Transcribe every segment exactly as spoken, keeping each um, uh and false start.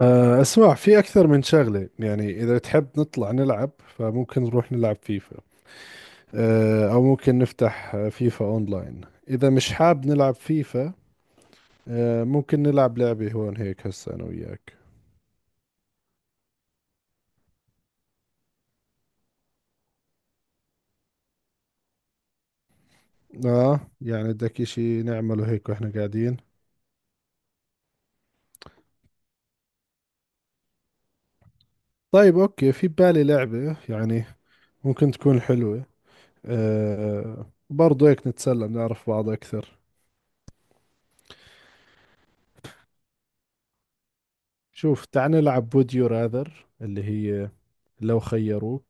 آه، اسمع، في اكثر من شغله. يعني اذا تحب نطلع نلعب، فممكن نروح نلعب فيفا. آه، او ممكن نفتح آه، فيفا اونلاين اذا مش حاب نلعب فيفا. آه، ممكن نلعب لعبه هون هيك هسه انا وياك. اه يعني بدك اشي نعمله هيك واحنا قاعدين. طيب اوكي، في بالي لعبه، يعني ممكن تكون حلوه. آه، برضو هيك نتسلى، نعرف بعض اكثر. شوف، تعال نلعب ووديو راذر، اللي هي لو خيروك.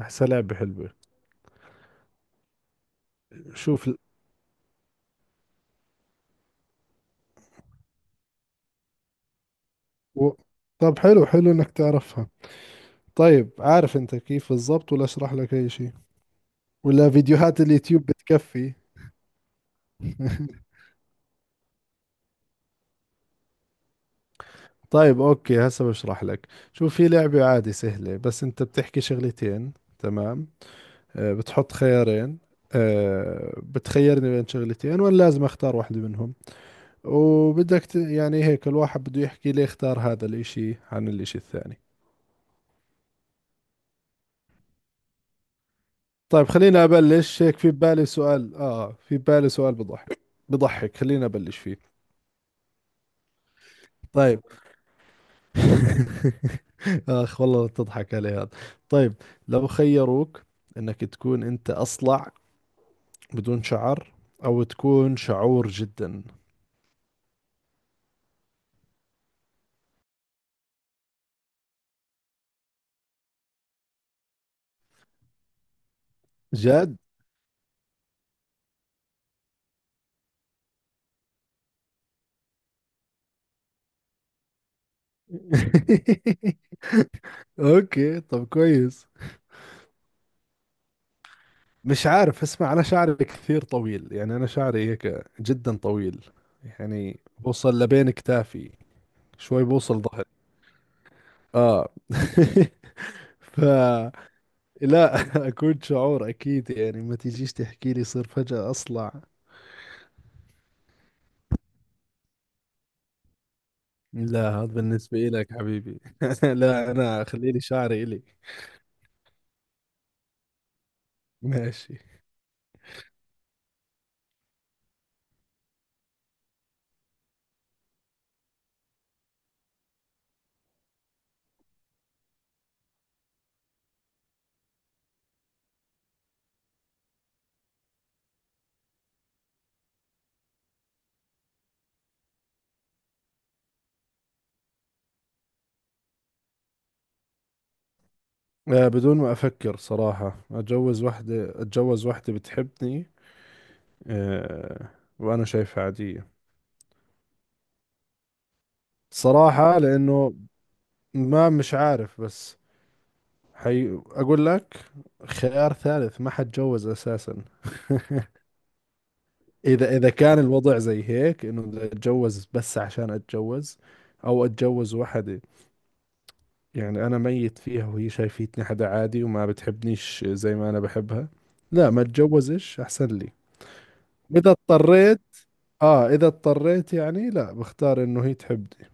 احسها لعبه حلوه. شوف ال- و... طب حلو حلو انك تعرفها. طيب عارف انت كيف بالضبط، ولا اشرح لك اي شيء؟ ولا فيديوهات اليوتيوب بتكفي؟ طيب اوكي، هسه بشرح لك. شوف، في لعبة عادي سهلة، بس انت بتحكي شغلتين. تمام؟ آه، بتحط خيارين. آه، بتخيرني بين شغلتين وانا لازم اختار واحدة منهم. وبدك ت... يعني هيك الواحد بده يحكي ليه اختار هذا الاشي عن الاشي الثاني. طيب خليني أبلش. هيك في بالي سؤال، آه في بالي سؤال بضحك، بضحك. خليني أبلش فيه. طيب. آخ والله تضحك علي هذا. طيب، لو خيروك إنك تكون أنت أصلع، بدون شعر، أو تكون شعور جدا. جد؟ أوكي طب كويس. مش عارف، اسمع، أنا شعري كثير طويل. يعني أنا شعري هيك جدا طويل، يعني بوصل لبين كتافي. شوي بوصل ظهري. آه. فلا. أكون شعور أكيد. يعني ما تجيش تحكي لي صير فجأة أصلع. لا هذا بالنسبة لك حبيبي. لا أنا خليلي شعري إلي. ماشي. آه، بدون ما أفكر صراحة، أتجوز وحدة، أتجوز وحدة بتحبني. آه، وأنا شايفها عادية. صراحة لأنه، ما مش عارف، بس حي أقول لك، خيار ثالث ما حتجوز أساسا. إذا إذا كان الوضع زي هيك إنه بدي أتجوز بس عشان أتجوز، أو أتجوز وحدة يعني أنا ميت فيها وهي شايفتني حدا عادي وما بتحبنيش زي ما أنا بحبها، لا ما أتجوزش أحسن لي. إذا اضطريت، آه إذا اضطريت يعني، لا بختار إنه هي تحبني.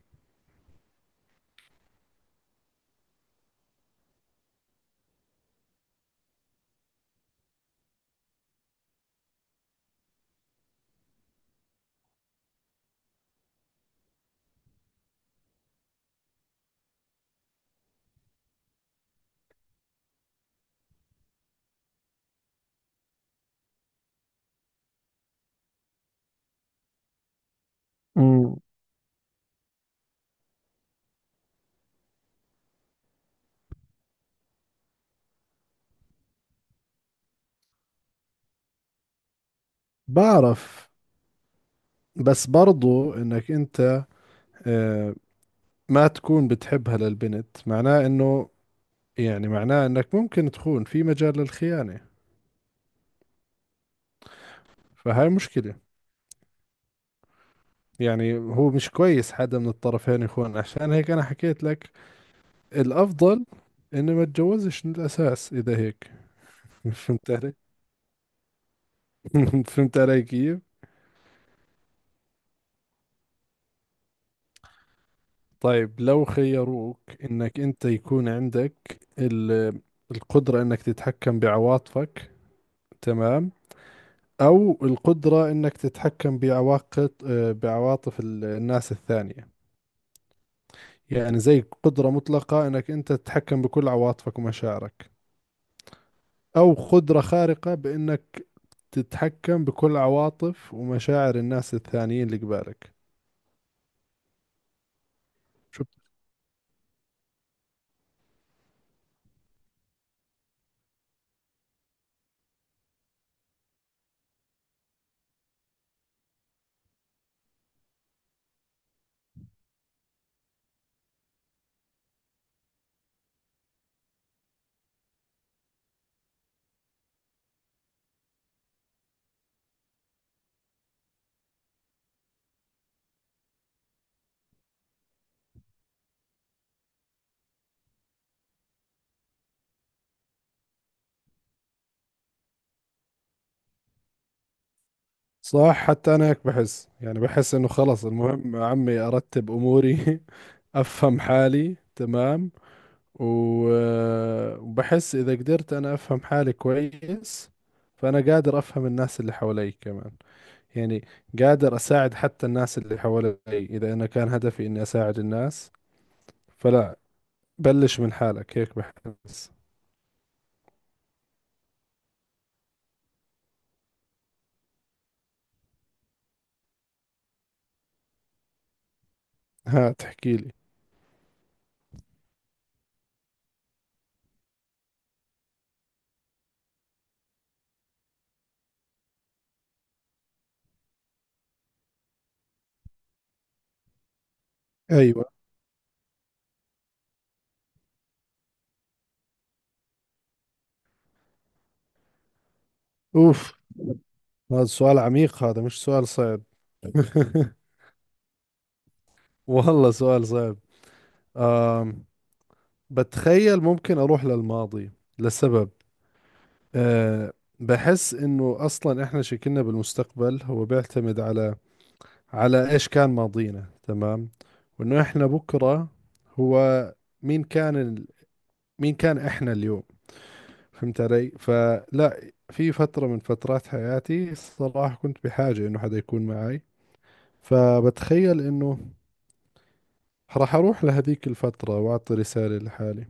امم. بعرف، بس برضو إنك أنت آه ما تكون بتحبها للبنت، معناه إنه، يعني معناه إنك ممكن تخون، في مجال للخيانة. فهاي مشكلة. يعني هو مش كويس حدا من الطرفين يخون، عشان هيك أنا حكيت لك الأفضل إني ما اتجوزش من الأساس إذا هيك. فهمت علي؟ فهمت علي كيف؟ طيب لو خيروك إنك أنت يكون عندك ال- القدرة إنك تتحكم بعواطفك، تمام؟ أو القدرة إنك تتحكم بعواقب بعواطف ال- الناس الثانية. يعني زي قدرة مطلقة إنك أنت تتحكم بكل عواطفك ومشاعرك، أو قدرة خارقة بإنك تتحكم بكل عواطف ومشاعر الناس الثانيين اللي قبالك. شوف. صح، حتى انا هيك بحس، يعني بحس انه خلص، المهم يا عمي ارتب اموري، افهم حالي تمام. و- وبحس اذا قدرت انا افهم حالي كويس، فانا قادر افهم الناس اللي حوالي كمان. يعني قادر اساعد حتى الناس اللي حوالي اذا انا كان هدفي اني اساعد الناس. فلا، بلش من حالك هيك بحس. ها تحكي لي. ايوه. اوف، هذا سؤال عميق، هذا مش سؤال صعب. والله سؤال صعب. آم، بتخيل ممكن أروح للماضي لسبب. أه، بحس إنه أصلا إحنا شكلنا بالمستقبل هو بيعتمد على، على إيش كان ماضينا، تمام. وإنه إحنا بكرة هو مين كان ال... مين كان إحنا اليوم. فهمت علي؟ فلا، في فترة من فترات حياتي صراحة كنت بحاجة إنه حدا يكون معي. فبتخيل إنه راح أروح لهذيك الفترة وأعطي رسالة لحالي.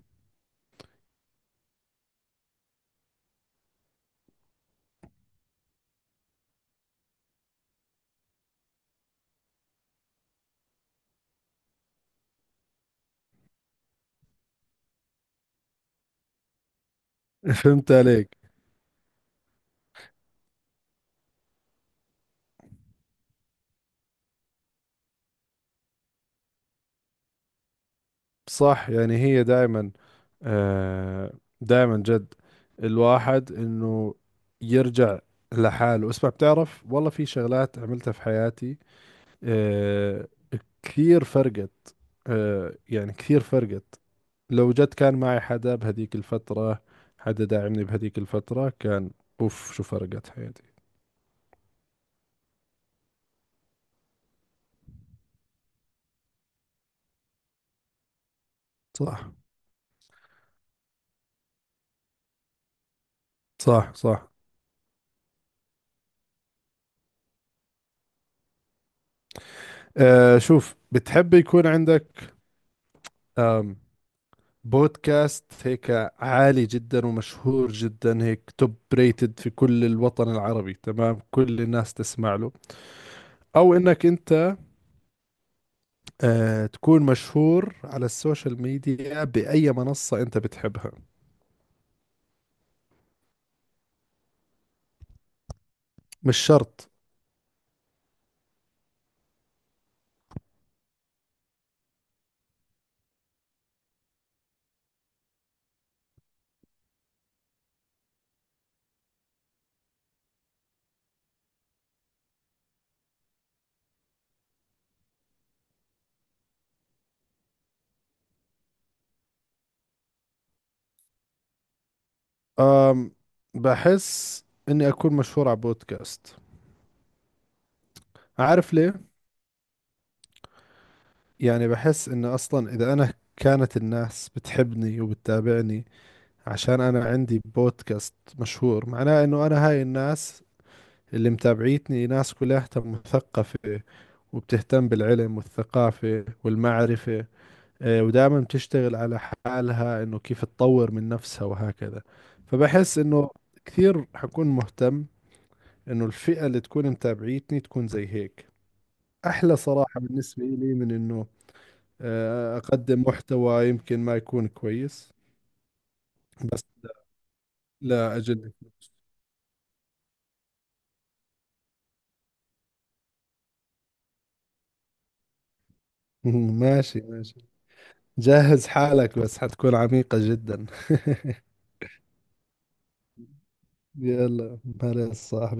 فهمت عليك. صح، يعني هي دائما، آه دائما، جد الواحد إنه يرجع لحاله. اسمع، بتعرف والله في شغلات عملتها في حياتي، آه، كثير فرقت، آه يعني كثير فرقت. لو جد كان معي حدا بهذيك الفترة، حدا داعمني بهذيك الفترة، كان أوف شو فرقت حياتي. صح. صح صح. آه شوف، بتحب يكون عندك بودكاست هيك عالي جدا ومشهور جدا، هيك توب ريتد في كل الوطن العربي، تمام، كل الناس تسمع له، او انك انت آه تكون مشهور على السوشيال ميديا باي منصة انت بتحبها؟ مش شرط. آم، بحس اني اكون مشهور على بودكاست. عارف ليه؟ يعني بحس انه اصلا اذا انا كانت الناس بتحبني وبتتابعني عشان انا عندي بودكاست مشهور، معناه انه انا هاي الناس اللي متابعيتني ناس كلها مثقفة وبتهتم بالعلم والثقافة والمعرفة. آه، ودائما بتشتغل على حالها انه كيف تطور من نفسها وهكذا. فبحس انه كثير حكون مهتم انه الفئة اللي تكون متابعيتني تكون زي هيك. احلى صراحة بالنسبة لي من انه آه، اقدم محتوى يمكن ما يكون كويس. بس لا اجل. ماشي ماشي. جهز حالك بس حتكون عميقة جدا. يلا. هلا يا صاحبي.